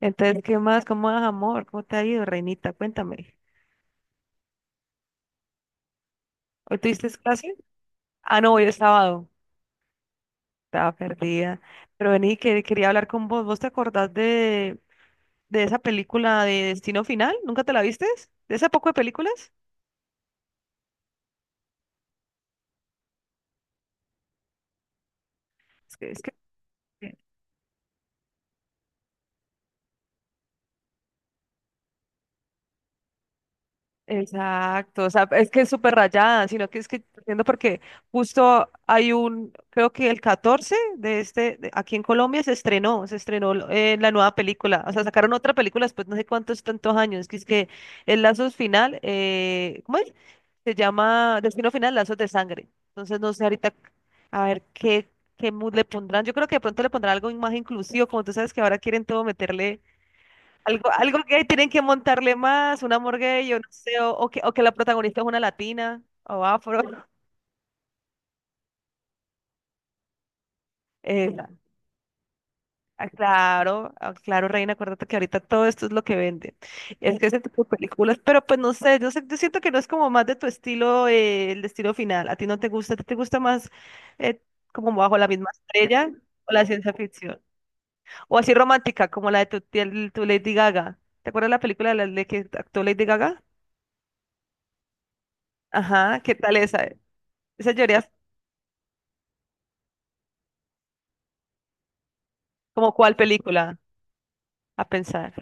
Entonces, ¿qué más? ¿Cómo vas, amor? ¿Cómo te ha ido, reinita? Cuéntame. ¿Hoy tuviste clase? Ah, no, hoy es sábado. Estaba perdida. Pero vení, que quería hablar con vos. ¿Vos te acordás de esa película de Destino Final? ¿Nunca te la viste? ¿De ese poco de películas? Es que Exacto, o sea, es que es súper rayada, sino que es que entiendo porque justo hay un, creo que el 14 de este, aquí en Colombia se estrenó la nueva película. O sea, sacaron otra película después no sé cuántos tantos años, que es que el lazo final, ¿cómo es? Se llama Destino Final, Lazos de Sangre. Entonces no sé ahorita a ver qué, mood le pondrán. Yo creo que de pronto le pondrán algo más inclusivo, como tú sabes que ahora quieren todo meterle algo que tienen que montarle más, una morgue, yo no sé, o que la protagonista es una latina o afro. Eh, ah, claro, ah, claro, Reina, acuérdate que ahorita todo esto es lo que vende. Es que ese tipo de películas, pero pues no sé, yo siento que no es como más de tu estilo, el estilo final. A ti no te gusta, ¿a ti te gusta más eh, como bajo la misma estrella o la ciencia ficción? O así romántica, como la de tu, tía- tu Lady Gaga. ¿Te acuerdas la película de la de que actuó Lady Gaga? Ajá, ¿qué tal esa? Esa lloré. ¿Como cuál película? A pensar.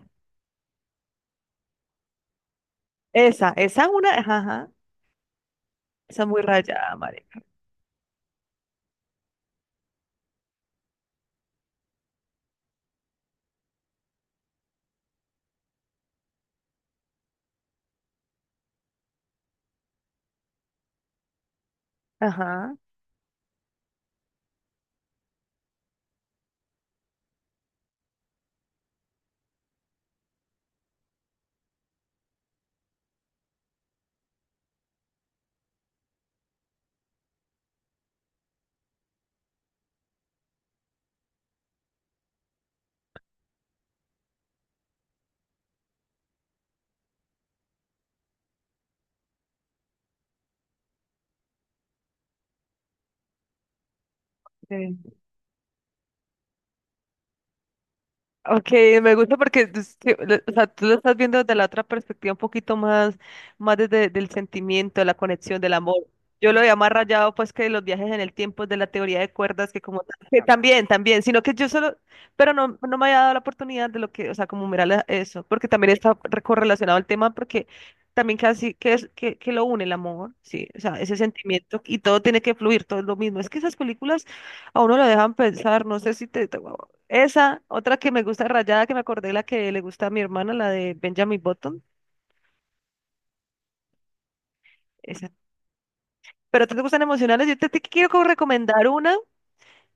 Esa es una, ajá, ajá, esa es muy rayada, marica. Ajá. Sí. Ok, me gusta porque tú, es que o sea, tú lo estás viendo desde la otra perspectiva, un poquito más desde el sentimiento, de la conexión, del amor. Yo lo había más rayado, pues, que los viajes en el tiempo es de la teoría de cuerdas, que como también, sino que yo solo, pero no me había dado la oportunidad de lo que, o sea, como mirar eso, porque también está correlacionado al tema, porque también casi que es que, lo une el amor, sí, o sea, ese sentimiento y todo tiene que fluir, todo es lo mismo. Es que esas películas a uno lo dejan pensar. No sé si esa, otra que me gusta rayada, que me acordé, la que le gusta a mi hermana, la de Benjamin Button. Esa. Pero te gustan emocionales. Yo te quiero como recomendar una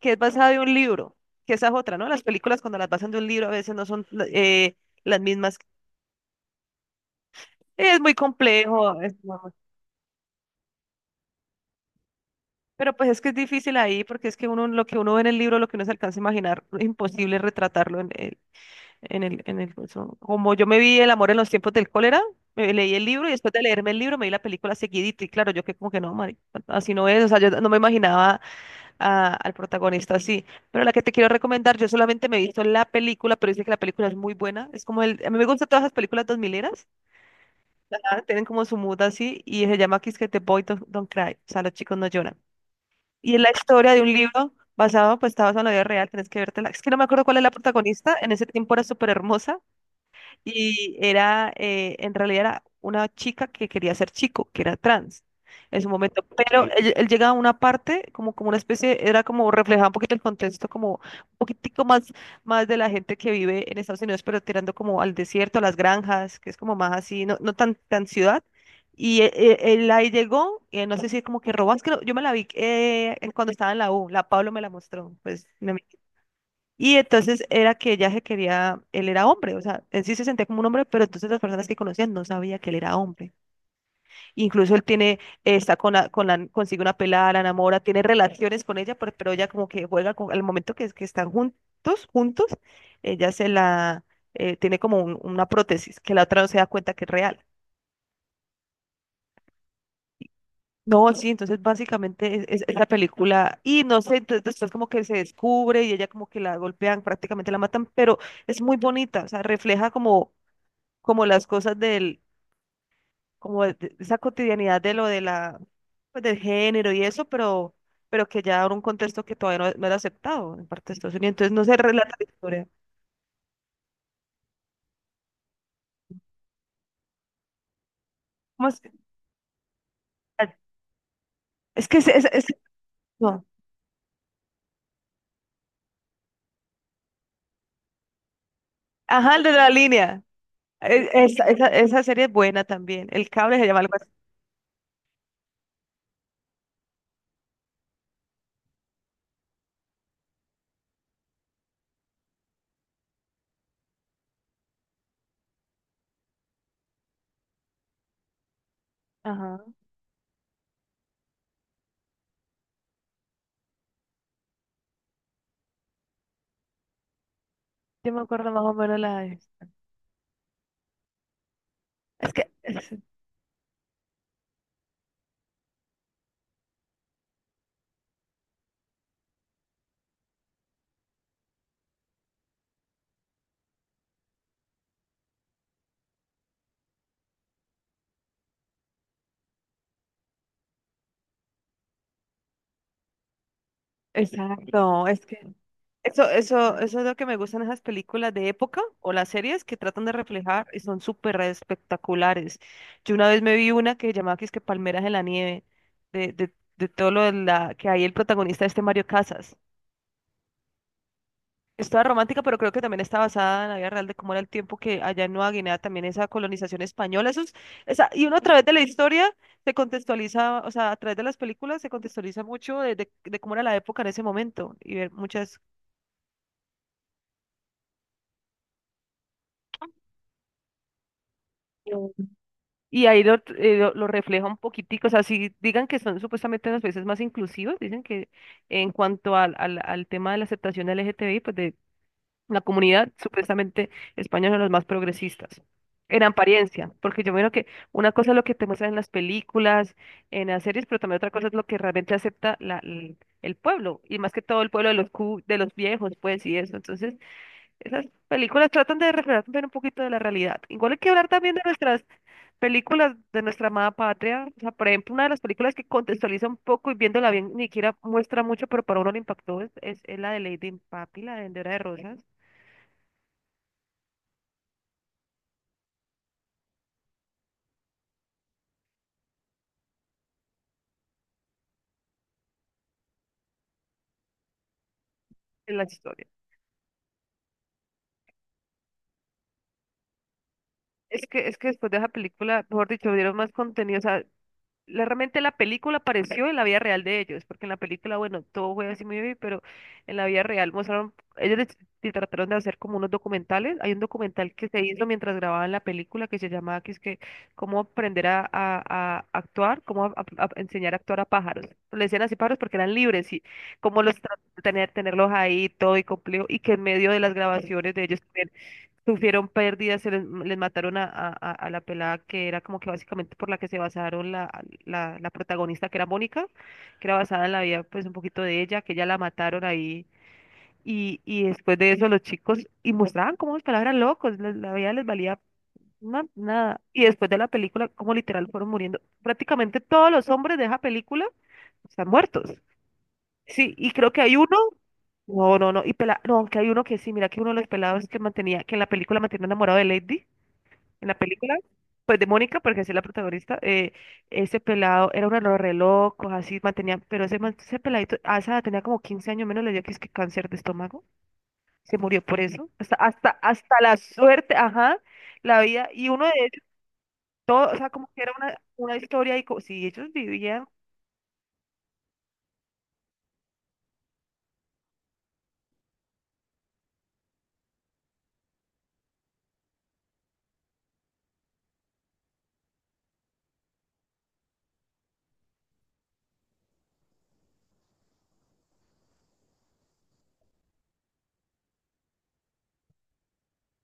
que es basada en un libro, que esa es otra, ¿no? Las películas cuando las basan de un libro a veces no son eh, las mismas. Es muy complejo, es pero pues es que es difícil ahí, porque es que uno lo que uno ve en el libro, lo que uno se alcanza a imaginar, es imposible retratarlo en, en el, eso. Como yo me vi El amor en los tiempos del cólera, me leí el libro y después de leerme el libro me vi la película seguidita y claro, yo que como que no, así no es, o sea, yo no me imaginaba al protagonista así. Pero la que te quiero recomendar, yo solamente me he visto la película, pero dice que la película es muy buena. Es como el, a mí me gustan todas las películas dos mileras, tienen como su mood así, y se llama que es que The Boy Don't Cry, o sea, los chicos no lloran. Y es la historia de un libro basado, pues está basado en la vida real, tenés que vértela. Es que no me acuerdo cuál es la protagonista, en ese tiempo era súper hermosa y era, en realidad era una chica que quería ser chico, que era trans en su momento. Pero Ok. Él llega a una parte, como una especie, era como reflejaba un poquito el contexto, como un poquitico más de la gente que vive en Estados Unidos, pero tirando como al desierto, a las granjas, que es como más así, no tan ciudad. Y él, ahí llegó, no sé si como que robas, creo, yo me la vi cuando estaba en la U, la Pablo me la mostró, pues, y entonces era que ella se quería, él era hombre, o sea, él sí se sentía como un hombre, pero entonces las personas que conocían no sabía que él era hombre. Incluso él tiene, está consigue una pelada, la enamora, tiene relaciones con ella, pero ella como que juega con, al momento que están juntos, juntos, ella se la, tiene como una prótesis, que la otra no se da cuenta que es real. No, sí, entonces básicamente es la película, y no sé, entonces después como que se descubre y ella como que la golpean, prácticamente la matan, pero es muy bonita, o sea, refleja como las cosas del, como de esa cotidianidad de lo de la, pues, del género y eso, pero que ya ahora un contexto que todavía no era aceptado en parte de Estados Unidos, entonces no se relata la historia. ¿Cómo es? Ah, es que no. Ajá, el de la línea. Esa serie es buena también. El cable se llama algo así. Ajá. Yo me acuerdo más o menos la de- Es que, es- exacto, es que eso es lo que me gustan, esas películas de época o las series que tratan de reflejar, y son súper espectaculares. Yo una vez me vi una que llamaba que es que Palmeras en la nieve, de todo lo de la, que hay el protagonista este Mario Casas. Es toda romántica, pero creo que también está basada en la vida real de cómo era el tiempo que allá en Nueva Guinea, también esa colonización española. Esa, y uno a través de la historia se contextualiza, o sea, a través de las películas se contextualiza mucho de cómo era la época en ese momento y ver muchas. Y ahí lo refleja un poquitico, o sea, si digan que son supuestamente las veces más inclusivas, dicen que en cuanto al tema de la aceptación LGTBI, pues de la comunidad, supuestamente España son los más progresistas, en apariencia, porque yo veo que una cosa es lo que te muestran en las películas, en las series, pero también otra cosa es lo que realmente acepta el pueblo, y más que todo el pueblo de de los viejos, pues, y eso. Entonces, esas películas tratan de reflejar también un poquito de la realidad. Igual hay que hablar también de nuestras películas de nuestra amada patria, o sea, por ejemplo, una de las películas que contextualiza un poco y viéndola bien, ni siquiera muestra mucho, pero para uno le impactó, es la de Lady in Papi, la de Vendedora de Rosas, en la historia. Es que después de esa película, mejor dicho, dieron más contenido, o sea, realmente la película pareció en la vida real de ellos, porque en la película, bueno, todo fue así muy bien, pero en la vida real mostraron, se trataron de hacer como unos documentales. Hay un documental que se hizo mientras grababan la película que se llamaba, que es que, cómo aprender a actuar, cómo a enseñar a actuar a pájaros. Le decían así pájaros porque eran libres, y cómo tener, tenerlos ahí todo y complejo, y que en medio de las grabaciones de ellos sufrieron pérdidas, les mataron a la pelada que era como que básicamente por la que se basaron la protagonista, que era Mónica, que era basada en la vida pues un poquito de ella, que ya la mataron ahí, y después de eso los chicos y mostraban cómo los palabras locos, la vida les valía nada. Y después de la película, como literal fueron muriendo, prácticamente todos los hombres de esa película están muertos. Sí, y creo que hay uno, no, no, no. Y no, aunque hay uno que sí. Mira que uno de los pelados que mantenía, que en la película mantenía enamorado de Lady, en la película, pues de Mónica, porque así es la protagonista, ese pelado era uno de los re locos, así mantenía, pero ese peladito, a esa edad tenía como 15 años menos, le dio que es que cáncer de estómago, se murió por eso, hasta, hasta la suerte, ajá, la vida, y uno de ellos, todo, o sea, como que era una historia, y si ellos vivían,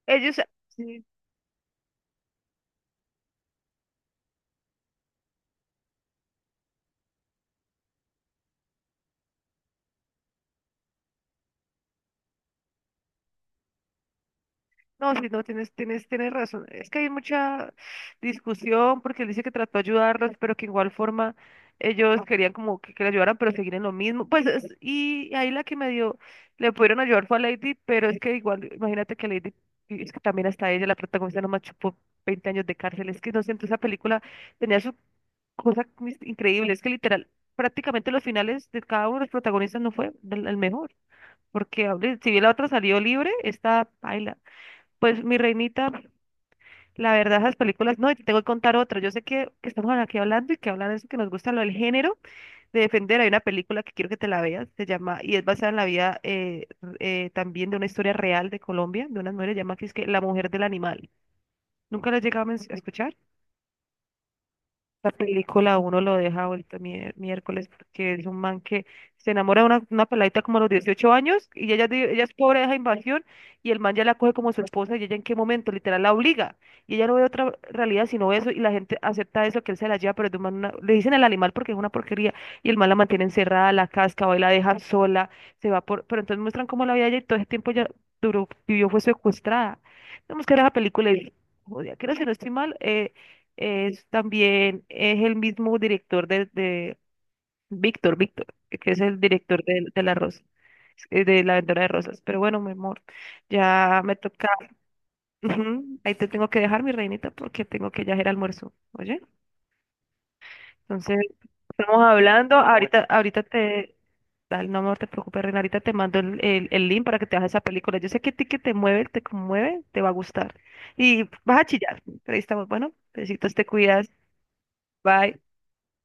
ellos, sí, no, sí, no, tienes razón. Es que hay mucha discusión porque él dice que trató de ayudarlos, pero que igual forma ellos querían como que le ayudaran, pero seguir en lo mismo. Pues, y ahí la que me dio, le pudieron ayudar fue a Lady, pero es que igual, imagínate que Lady, y es que también hasta ella, la protagonista, nomás chupó 20 años de cárcel. Es que no sé, entonces esa película tenía su cosa increíble. Es que literal, prácticamente los finales de cada uno de los protagonistas no fue el mejor. Porque, hombre, si bien la otra salió libre, esta baila. Pues mi reinita, la verdad, esas películas, no, y te tengo que contar otra. Yo sé que estamos aquí hablando y que hablan de eso que nos gusta, lo del género de defender. Hay una película que quiero que te la veas, se llama, y es basada en la vida también de una historia real de Colombia, de unas mujeres, se llama que es que La Mujer del Animal. ¿Nunca la has llegado a a escuchar? La película a uno lo deja vuelto miércoles, porque es un man que se enamora de una peladita como a los 18 años, y ella, ella es pobre, deja invasión, y el man ya la coge como su esposa, y ella en qué momento, literal, la obliga. Y ella no ve otra realidad sino eso, y la gente acepta eso, que él se la lleva, pero es de un man le dicen el animal porque es una porquería, y el man la mantiene encerrada, la casca, va y la deja sola, se va por. Pero entonces muestran cómo la vida de ella y todo ese tiempo ya duró, vivió, fue secuestrada. Tenemos que ver esa película y. Joder, creo que si no estoy mal. Es también es el mismo director de Víctor, que es el director de La Rosa, de La Vendedora de Rosas. Pero bueno, mi amor, ya me toca. Ujú, ahí te tengo que dejar, mi reinita, porque tengo que ya hacer almuerzo. Oye, entonces estamos hablando. Ahorita, ahorita te. Dale, no, amor, te preocupes, reina. Ahorita te mando el link para que te hagas esa película. Yo sé que a ti que te mueve, te conmueve, te va a gustar. Y vas a chillar. Pero ahí estamos. Bueno, besitos, te cuidas. Bye.